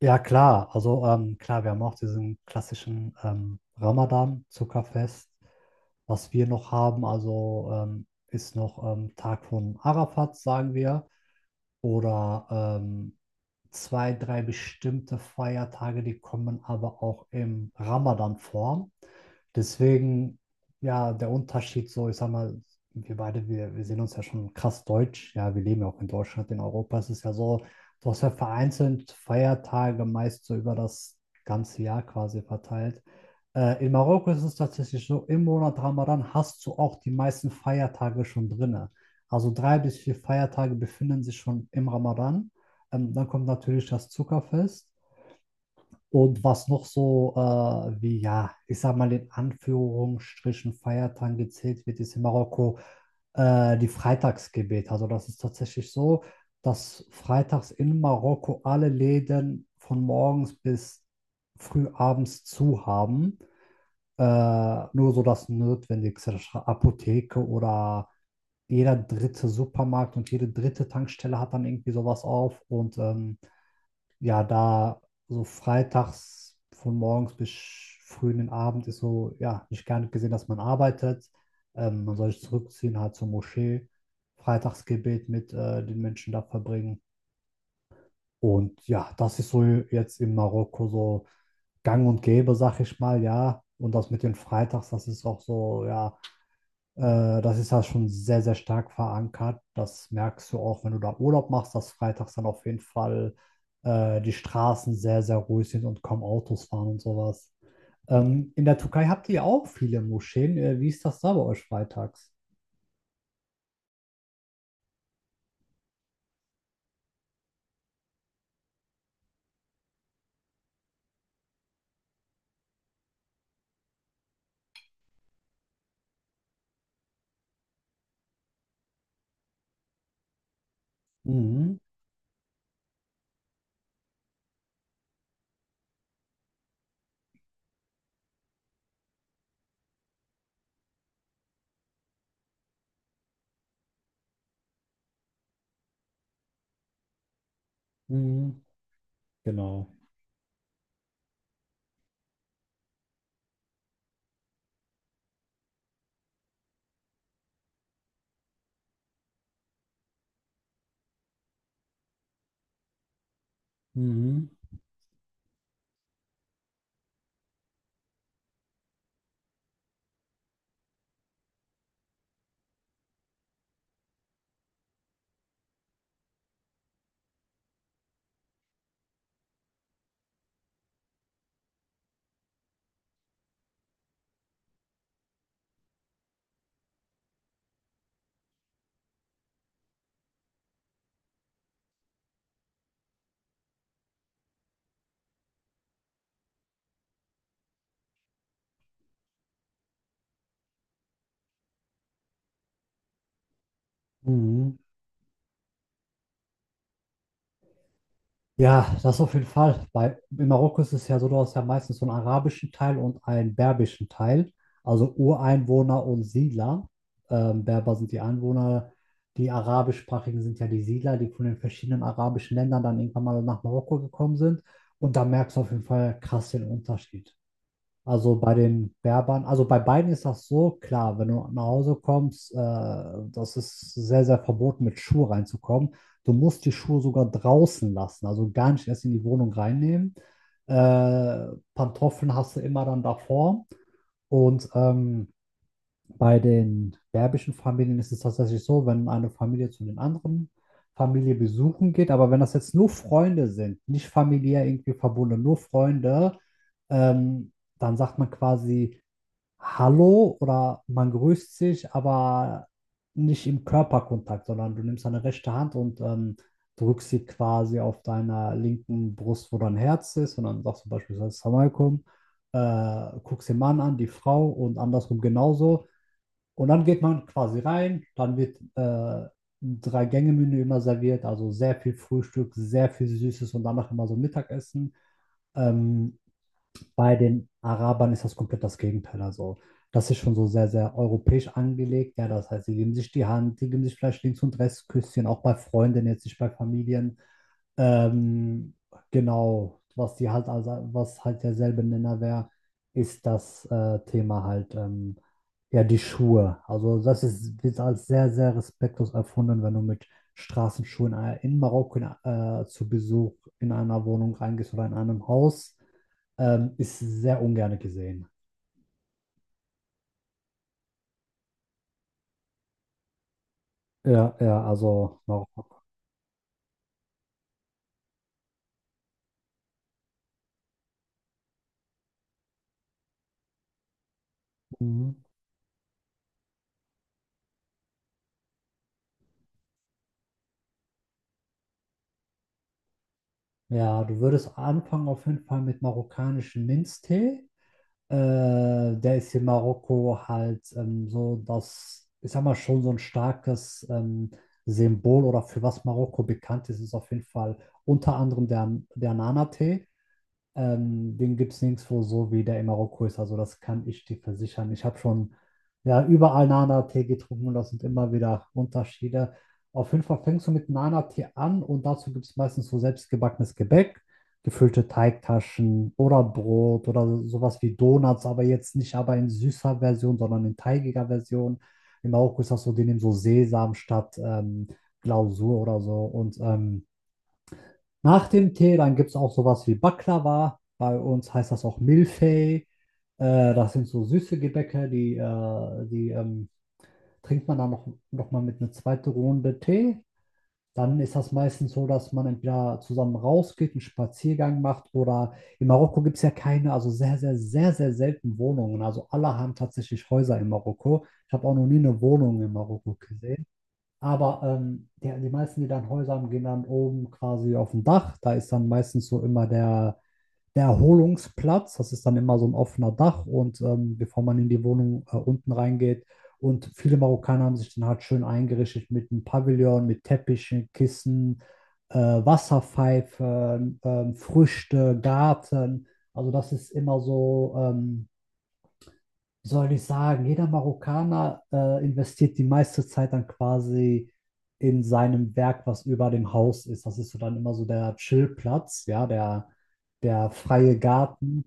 Ja, klar. Also klar, wir haben auch diesen klassischen Ramadan, Zuckerfest. Was wir noch haben, also ist noch Tag von Arafat, sagen wir. Oder ähm, zwei, drei bestimmte Feiertage, die kommen aber auch im Ramadan vor. Deswegen, ja, der Unterschied so, ich sag mal, wir beide, wir sehen uns ja schon krass deutsch. Ja, wir leben ja auch in Deutschland, in Europa. Es ist ja so, du hast ja vereinzelt Feiertage meist so über das ganze Jahr quasi verteilt. In Marokko ist es tatsächlich so, im Monat Ramadan hast du auch die meisten Feiertage schon drinne. Also drei bis vier Feiertage befinden sich schon im Ramadan. Dann kommt natürlich das Zuckerfest. Und was noch so wie, ja, ich sag mal in Anführungsstrichen Feiertagen gezählt wird, ist in Marokko die Freitagsgebet. Also das ist tatsächlich so, dass freitags in Marokko alle Läden von morgens bis früh abends zu haben. Nur so das Notwendigste, Apotheke oder jeder dritte Supermarkt und jede dritte Tankstelle hat dann irgendwie sowas auf. Und ja, da so freitags von morgens bis früh in den Abend ist so, ja, nicht gar nicht gesehen, dass man arbeitet. Man soll sich zurückziehen, halt zur Moschee, Freitagsgebet mit den Menschen da verbringen. Und ja, das ist so jetzt in Marokko so gang und gäbe, sag ich mal, ja. Und das mit den Freitags, das ist auch so, ja, das ist ja schon sehr, sehr stark verankert. Das merkst du auch, wenn du da Urlaub machst, dass freitags dann auf jeden Fall die Straßen sehr, sehr ruhig sind und kaum Autos fahren und sowas. In der Türkei habt ihr auch viele Moscheen. Wie ist das da bei euch freitags? Mhm. Mhm. Genau. Mhm. Mhm. Ja, das auf jeden Fall. Bei, in Marokko ist es ja so, du hast ja meistens so einen arabischen Teil und einen berbischen Teil, also Ureinwohner und Siedler. Berber sind die Einwohner, die arabischsprachigen sind ja die Siedler, die von den verschiedenen arabischen Ländern dann irgendwann mal nach Marokko gekommen sind. Und da merkst du auf jeden Fall krass den Unterschied. Also bei den Berbern, also bei beiden ist das so, klar, wenn du nach Hause kommst, das ist sehr, sehr verboten, mit Schuhe reinzukommen. Du musst die Schuhe sogar draußen lassen, also gar nicht erst in die Wohnung reinnehmen. Äh, Pantoffeln hast du immer dann davor und bei den berbischen Familien ist es tatsächlich so, wenn eine Familie zu den anderen Familie besuchen geht, aber wenn das jetzt nur Freunde sind, nicht familiär irgendwie verbunden, nur Freunde, ähm, dann sagt man quasi Hallo oder man grüßt sich, aber nicht im Körperkontakt, sondern du nimmst deine rechte Hand und drückst sie quasi auf deiner linken Brust, wo dein Herz ist, und dann sagst du beispielsweise Assalamu alaikum, guckst den Mann an, die Frau und andersrum genauso. Und dann geht man quasi rein, dann wird ein Drei-Gänge-Menü immer serviert, also sehr viel Frühstück, sehr viel Süßes und danach immer so Mittagessen. Ähm, Bei den Arabern ist das komplett das Gegenteil. Also, das ist schon so sehr, sehr europäisch angelegt. Ja, das heißt, sie geben sich die Hand, sie geben sich vielleicht links und rechts Küsschen, auch bei Freunden, jetzt nicht bei Familien. Ähm, genau, was die halt, also, was halt derselbe Nenner wäre, ist das Thema halt, ja, die Schuhe. Also, das ist, wird als sehr, sehr respektlos erfunden, wenn du mit Straßenschuhen in Marokko zu Besuch in einer Wohnung reingehst oder in einem Haus. Ist sehr ungern gesehen. Ja, ja, also Marokko. Mhm. Ja, du würdest anfangen auf jeden Fall mit marokkanischem Minztee. Äh, Der ist in Marokko halt so das, ich sag mal, schon so ein starkes Symbol oder für was Marokko bekannt ist, ist auf jeden Fall unter anderem der Nana-Tee. Den gibt es nirgendwo so wie der in Marokko ist. Also das kann ich dir versichern. Ich habe schon ja, überall Nana-Tee getrunken und das sind immer wieder Unterschiede. Auf jeden Fall fängst du mit Nana-Tee an und dazu gibt es meistens so selbstgebackenes Gebäck, gefüllte Teigtaschen oder Brot oder sowas wie Donuts, aber jetzt nicht aber in süßer Version, sondern in teigiger Version. In Marokko ist das so, die nehmen so Sesam statt Glasur oder so und nach dem Tee, dann gibt es auch sowas wie Baklava. Bei uns heißt das auch Milfei. Das sind so süße Gebäcke, die trinkt man dann noch mal mit einer zweiten Runde Tee. Dann ist das meistens so, dass man entweder zusammen rausgeht, einen Spaziergang macht oder in Marokko gibt es ja keine, also sehr, sehr, sehr, sehr selten Wohnungen. Also alle haben tatsächlich Häuser in Marokko. Ich habe auch noch nie eine Wohnung in Marokko gesehen. Aber der, die meisten, die dann Häuser haben, gehen dann oben quasi auf dem Dach. Da ist dann meistens so immer der Erholungsplatz. Das ist dann immer so ein offener Dach. Und bevor man in die Wohnung unten reingeht. Und viele Marokkaner haben sich dann halt schön eingerichtet mit einem Pavillon, mit Teppichen, Kissen, Wasserpfeifen, Früchte, Garten. Also das ist immer so wie soll ich sagen, jeder Marokkaner investiert die meiste Zeit dann quasi in seinem Werk, was über dem Haus ist. Das ist so dann immer so der Chillplatz, ja, der, der freie Garten.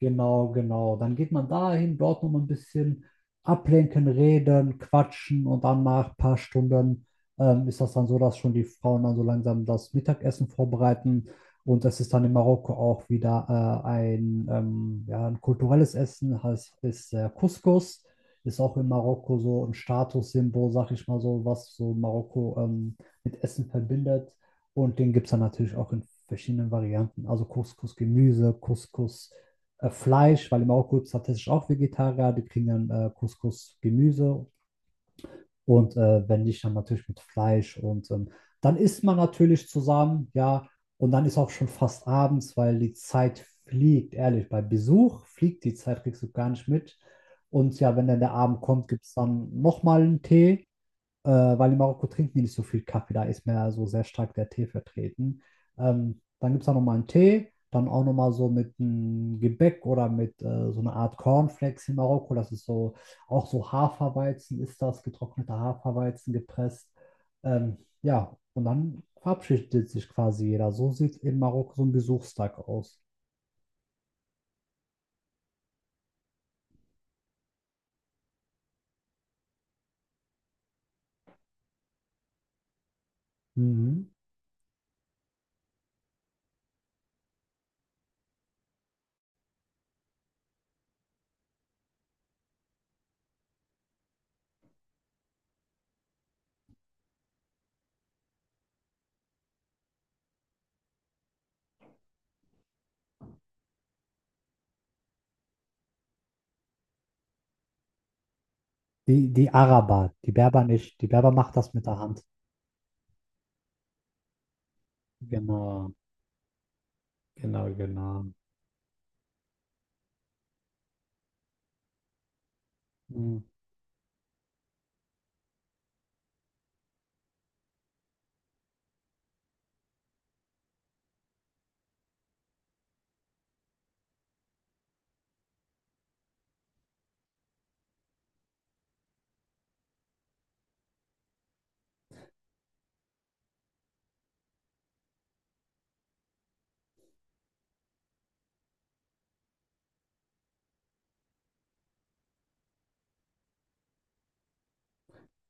Genau, genau. Dann geht man dahin, dort noch mal ein bisschen ablenken, reden, quatschen und dann nach ein paar Stunden ist das dann so, dass schon die Frauen dann so langsam das Mittagessen vorbereiten. Und es ist dann in Marokko auch wieder ein, ja, ein kulturelles Essen, heißt ist Couscous. Ist auch in Marokko so ein Statussymbol, sag ich mal so, was so Marokko mit Essen verbindet. Und den gibt es dann natürlich auch in verschiedenen Varianten. Also Couscous-Gemüse, Couscous Fleisch, weil in Marokko ist tatsächlich auch Vegetarier, die kriegen dann Couscous, Gemüse und wenn nicht, dann natürlich mit Fleisch und dann isst man natürlich zusammen, ja, und dann ist auch schon fast abends, weil die Zeit fliegt, ehrlich, bei Besuch fliegt die Zeit, kriegst du gar nicht mit. Und ja, wenn dann der Abend kommt, gibt es dann nochmal einen Tee äh, weil in Marokko trinken die nicht so viel Kaffee, da ist mehr so sehr stark der Tee vertreten. Dann gibt es da nochmal einen Tee, dann auch nochmal so mit einem Gebäck oder mit so einer Art Cornflakes in Marokko. Das ist so, auch so Haferweizen ist das, getrockneter Haferweizen gepresst. Ja, und dann verabschiedet sich quasi jeder. So sieht in Marokko so ein Besuchstag aus. Mhm. Die Araber, die Berber nicht. Die Berber macht das mit der Hand. Genau, genau, genau. Mhm.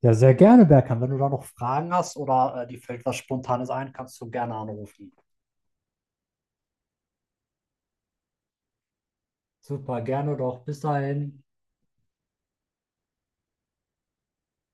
Ja, sehr gerne, Berkan. Wenn du da noch Fragen hast oder dir fällt was Spontanes ein, kannst du gerne anrufen. Super, gerne doch. Bis dahin.